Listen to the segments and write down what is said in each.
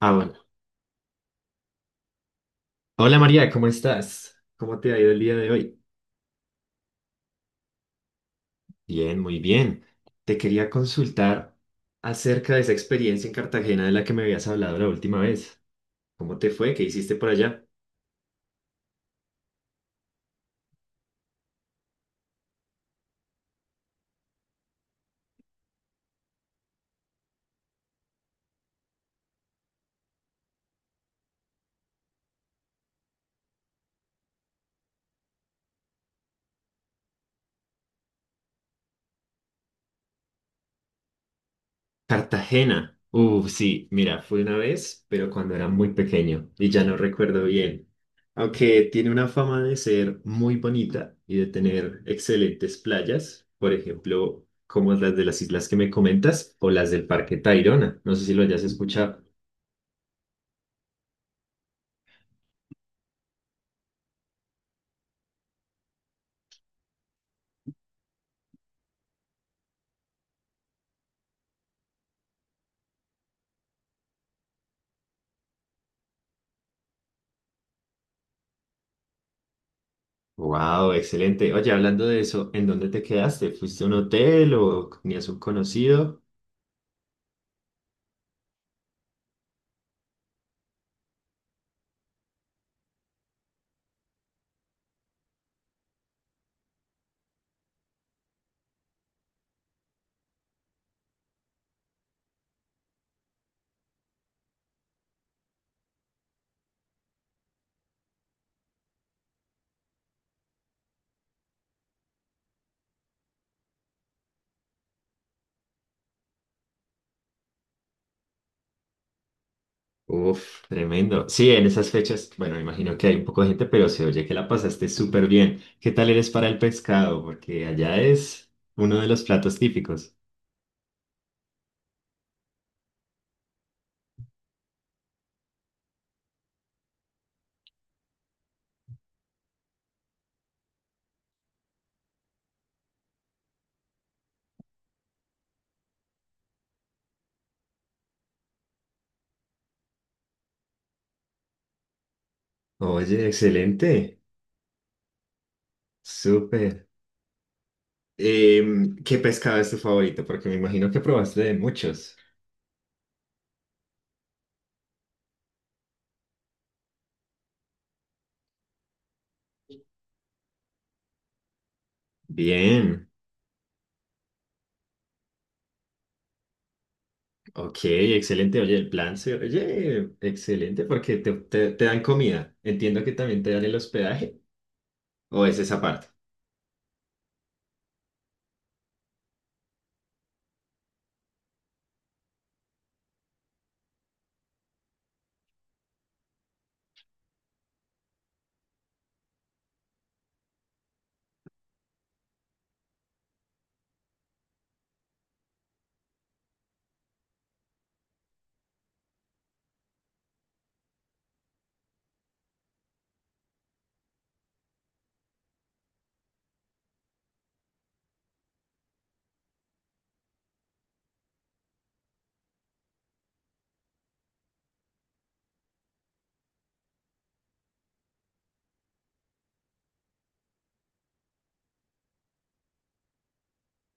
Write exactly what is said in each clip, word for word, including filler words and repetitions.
Ah, bueno. Hola María, ¿cómo estás? ¿Cómo te ha ido el día de hoy? Bien, muy bien. Te quería consultar acerca de esa experiencia en Cartagena de la que me habías hablado la última vez. ¿Cómo te fue? ¿Qué hiciste por allá? Cartagena. Uh, sí, mira, fui una vez, pero cuando era muy pequeño y ya no recuerdo bien. Aunque tiene una fama de ser muy bonita y de tener excelentes playas, por ejemplo, como las de las islas que me comentas o las del Parque Tayrona. No sé si lo hayas escuchado. Wow, excelente. Oye, hablando de eso, ¿en dónde te quedaste? ¿Fuiste a un hotel o tenías un conocido? Uf, tremendo. Sí, en esas fechas, bueno, me imagino que hay un poco de gente, pero se oye que la pasaste súper bien. ¿Qué tal eres para el pescado? Porque allá es uno de los platos típicos. Oye, excelente. Súper. Em, ¿qué pescado es tu favorito? Porque me imagino que probaste de muchos. Bien. Ok, excelente. Oye, el plan se... Oye, excelente porque te, te- te dan comida. Entiendo que también te dan el hospedaje. ¿O es esa parte?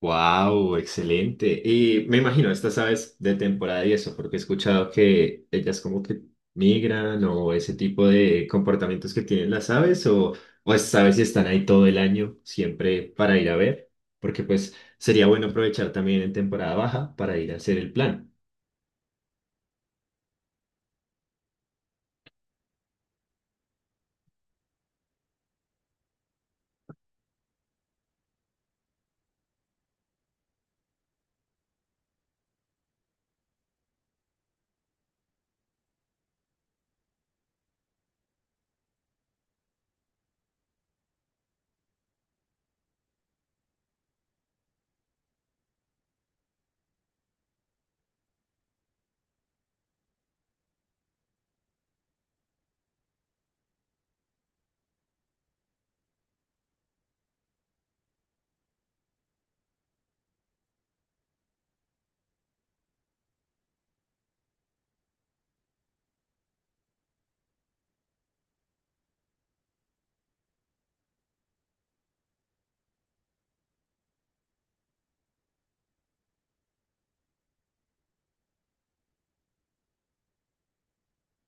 Wow, excelente. Y me imagino, estas aves de temporada y eso, porque he escuchado que ellas como que migran o ese tipo de comportamientos que tienen las aves o, o estas aves si están ahí todo el año siempre para ir a ver, porque pues sería bueno aprovechar también en temporada baja para ir a hacer el plan.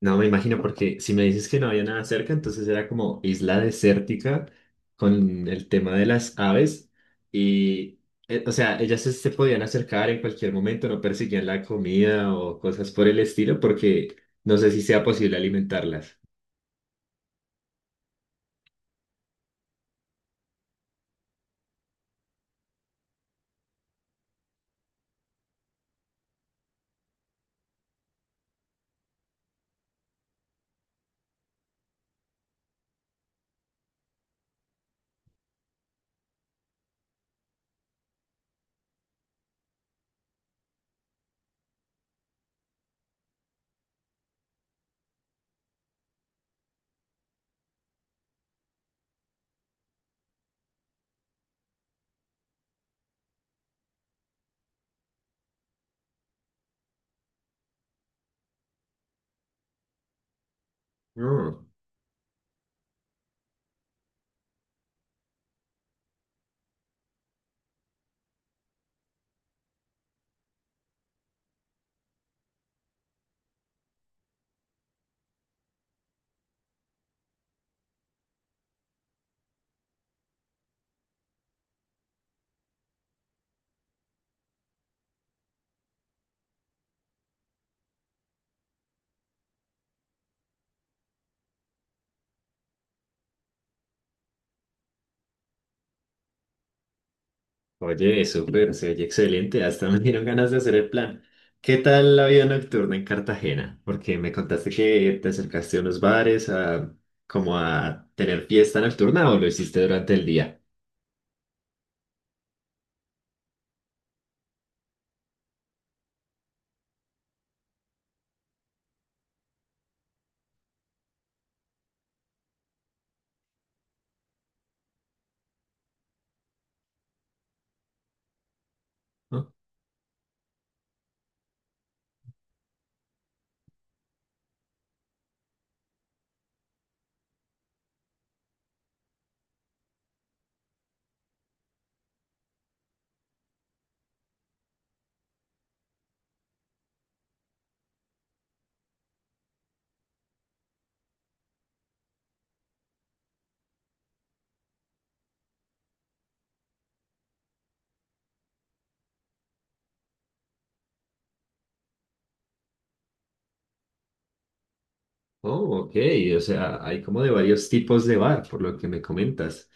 No me imagino, porque si me dices que no había nada cerca, entonces era como isla desértica con el tema de las aves. Y, eh, o sea, ellas se, se podían acercar en cualquier momento, no perseguían la comida o cosas por el estilo, porque no sé si sea posible alimentarlas. No, oye, súper, se oye excelente. Hasta me dieron ganas de hacer el plan. ¿Qué tal la vida nocturna en Cartagena? Porque me contaste que te acercaste a unos bares, a, como a tener fiesta nocturna, o lo hiciste durante el día. Oh, oh, ok, o sea, hay como de varios tipos de bar, por lo que me comentas.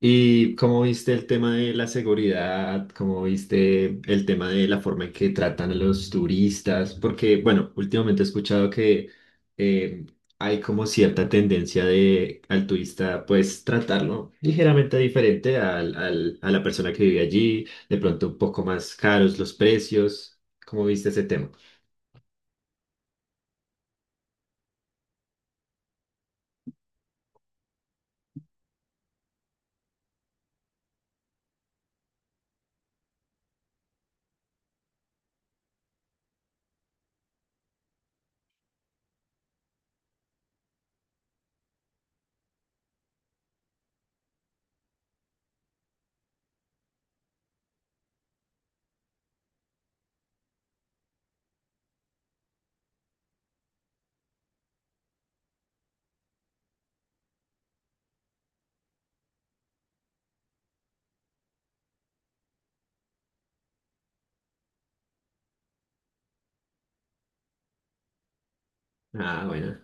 ¿Y cómo viste el tema de la seguridad? ¿Cómo viste el tema de la forma en que tratan a los turistas? Porque, bueno, últimamente he escuchado que eh, hay como cierta tendencia de al turista, pues, tratarlo ligeramente diferente al, al- a la persona que vive allí, de pronto un poco más caros los precios. ¿Cómo viste ese tema? Ah, bueno.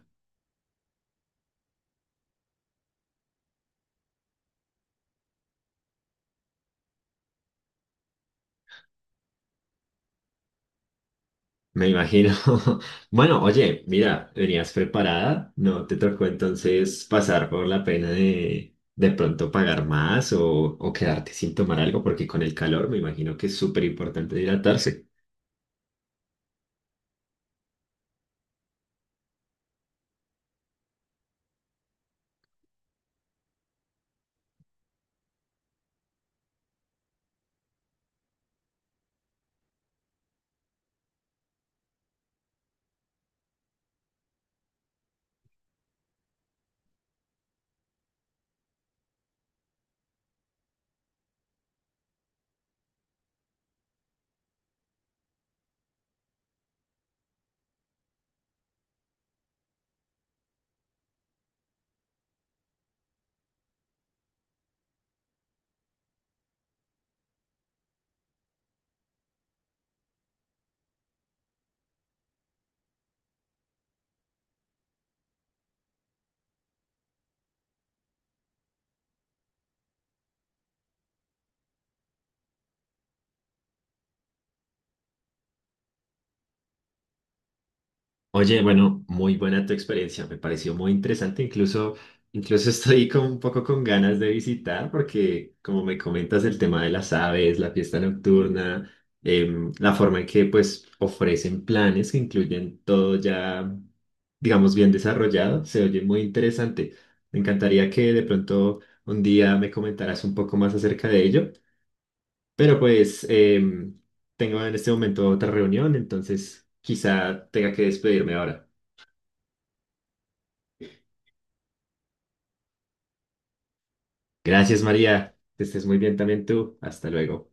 Me imagino. Bueno, oye, mira, venías preparada, ¿no te tocó entonces pasar por la pena de de pronto pagar más o, o quedarte sin tomar algo? Porque con el calor me imagino que es súper importante hidratarse. Oye, bueno, muy buena tu experiencia, me pareció muy interesante, incluso, incluso estoy con, un poco con ganas de visitar porque como me comentas el tema de las aves, la fiesta nocturna, em, la forma en que pues ofrecen planes que incluyen todo ya, digamos, bien desarrollado, se oye muy interesante. Me encantaría que de pronto un día me comentaras un poco más acerca de ello, pero pues em, tengo en este momento otra reunión, entonces quizá tenga que despedirme ahora. Gracias, María. Que estés muy bien también tú. Hasta luego.